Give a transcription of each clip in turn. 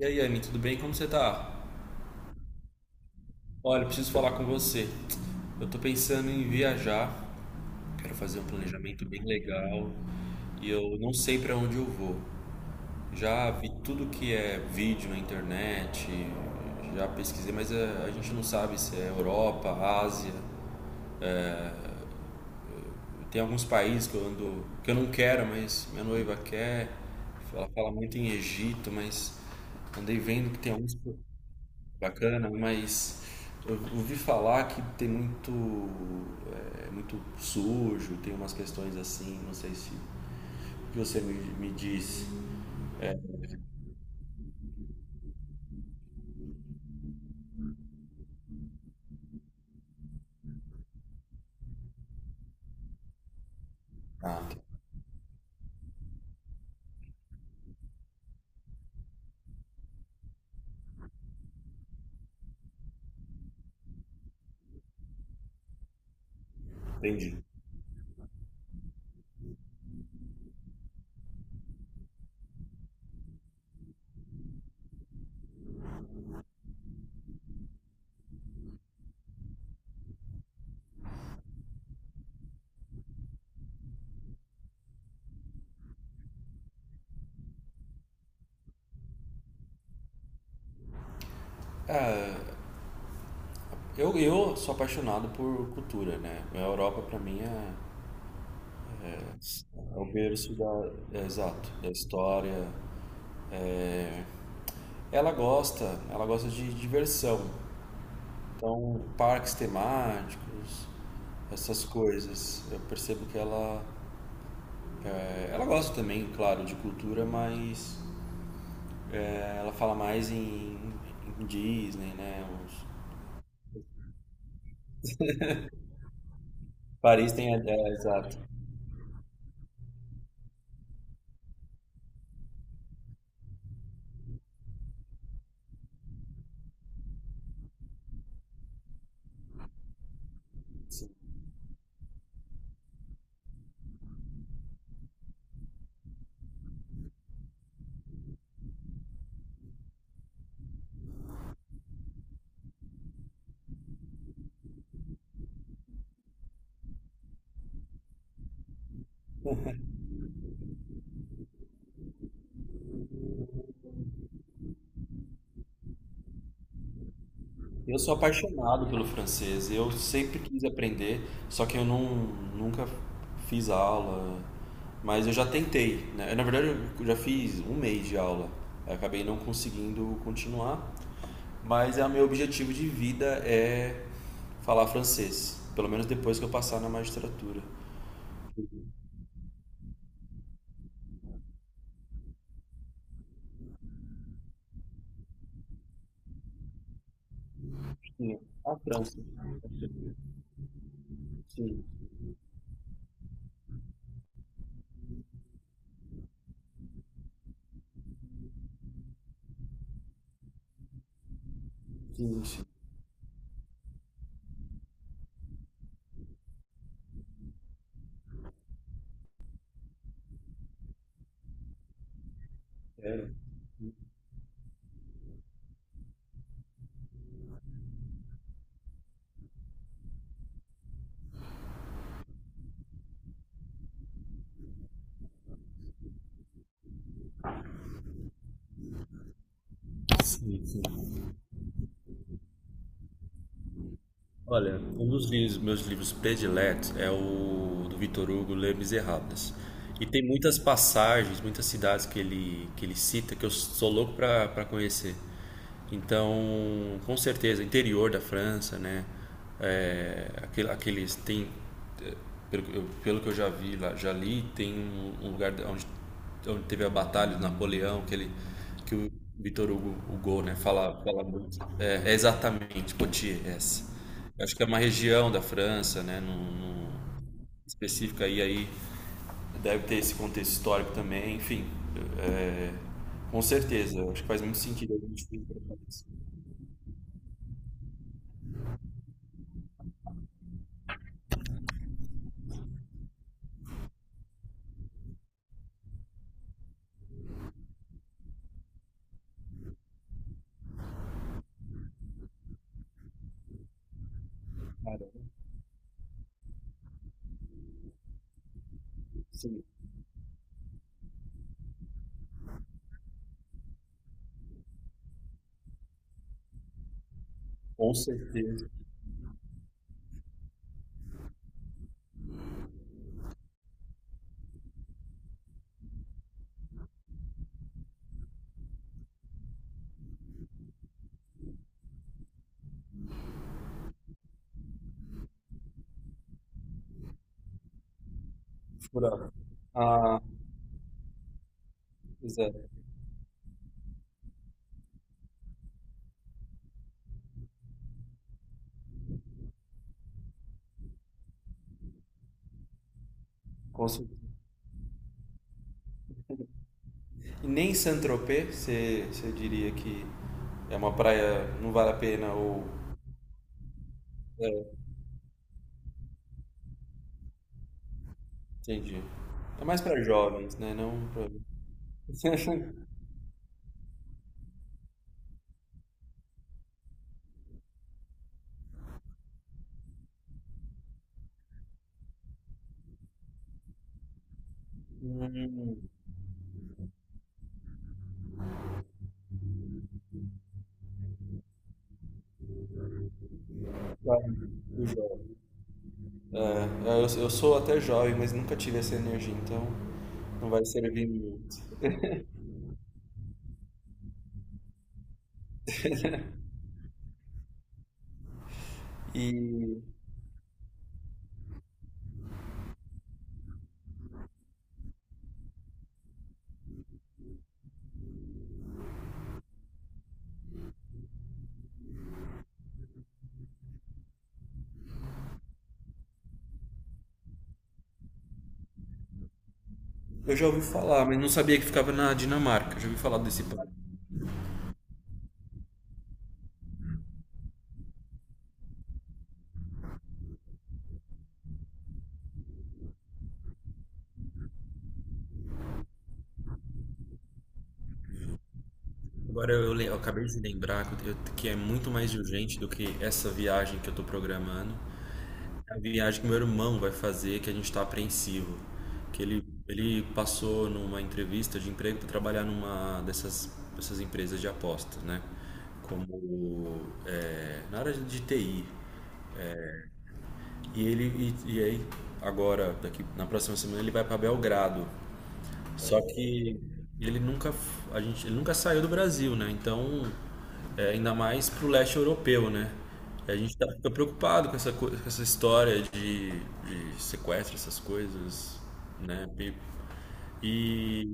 E aí, Anne, tudo bem? Como você tá? Olha, eu preciso falar com você. Eu tô pensando em viajar, quero fazer um planejamento bem legal e eu não sei pra onde eu vou. Já vi tudo que é vídeo na internet, já pesquisei, mas a gente não sabe se é Europa, Ásia. Tem alguns países que eu ando, que eu não quero, mas minha noiva quer. Ela fala muito em Egito, mas andei vendo que tem alguns. Bacana, mas eu ouvi falar que tem muito, muito sujo, tem umas questões assim, não sei se o que você me disse. Ah, entendi. Eu sou apaixonado por cultura, né? A Europa pra mim é o berço é, exato, da história. É, ela gosta, ela gosta de diversão. Então, parques temáticos, essas coisas. Eu percebo que ela ela gosta também, claro, de cultura, mas é, ela fala mais em, em Disney, né? Paris tem. É, exato. Sim. Eu sou apaixonado pelo francês. Eu sempre quis aprender, só que eu não, nunca fiz aula. Mas eu já tentei, né? Na verdade, eu já fiz um mês de aula. Eu acabei não conseguindo continuar. Mas é o meu objetivo de vida é falar francês. Pelo menos depois que eu passar na magistratura. Sim, a França. Sim, sim, sim. Sim. Olha, um dos meus livros prediletos é o do Victor Hugo, Les Misérables. E tem muitas passagens, muitas cidades que ele cita que eu sou louco para conhecer. Então, com certeza, interior da França, né? É, aqueles tem pelo que eu já vi lá, já li, tem um lugar onde, onde teve a batalha do Napoleão, que o Hugo, né, fala, fala muito. É, é exatamente, Poitiers, essa. Eu acho que é uma região da França, né, num- específica aí, aí deve ter esse contexto histórico também, enfim. É, com certeza, eu acho que faz muito sentido a gente ir pra Paris. Cara, sim, com certeza. Furado. Ah, pois é, com certeza. E nem Saint-Tropez, você diria que é uma praia, não vale a pena ou... É, entendi. É mais para jovens, né? Não pra... Hum, claro, do jovem. É, eu sou até jovem, mas nunca tive essa energia, então não vai servir muito. E eu já ouvi falar, mas não sabia que ficava na Dinamarca. Já ouvi falar desse parque. Agora eu, acabei de lembrar que, eu- que é muito mais urgente do que essa viagem que eu tô programando. A viagem que meu irmão vai fazer, que a gente está apreensivo. Que ele passou numa entrevista de emprego para trabalhar numa dessas, dessas empresas de apostas, né? Como é, na área de TI. E ele e aí agora daqui na próxima semana ele vai para Belgrado, só que ele nunca, ele nunca saiu do Brasil, né? Então, é, ainda mais pro leste europeu, né? A gente tá, fica preocupado com essa, com essa história de sequestro, essas coisas, né? E-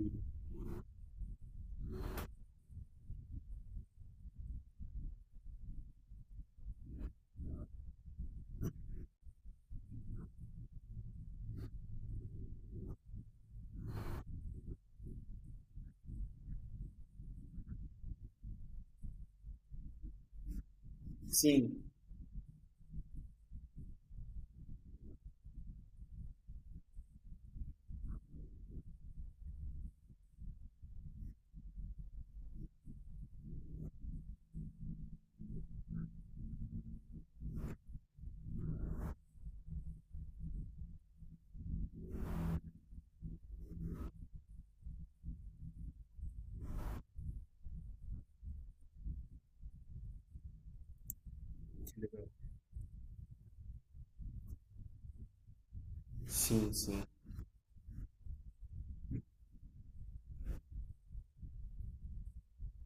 Sim, sim.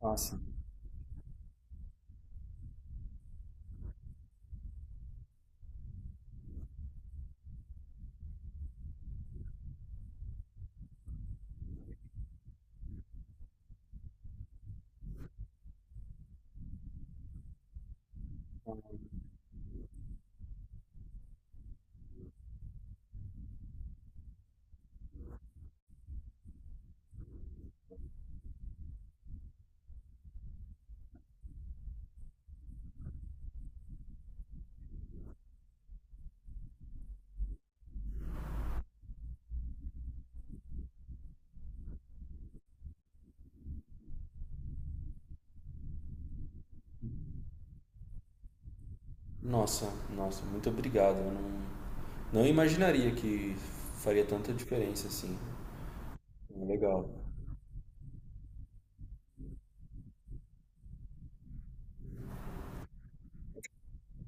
Nossa, nossa, nossa, muito obrigado. Eu não, não imaginaria que faria tanta diferença assim. Legal.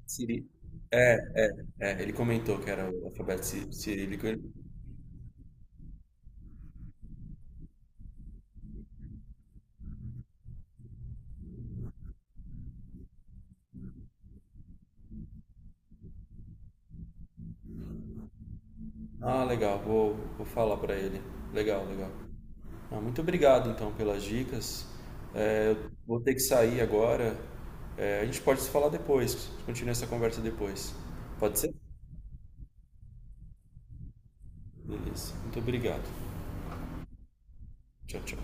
Siri. É, ele comentou que era o alfabeto cirílico. Ah, legal. Vou, vou falar para ele. Legal, legal. Ah, muito obrigado então pelas dicas. É, eu vou ter que sair agora. É, a gente pode se falar depois. Continua essa conversa depois. Pode ser? Beleza. Muito obrigado. Tchau, tchau.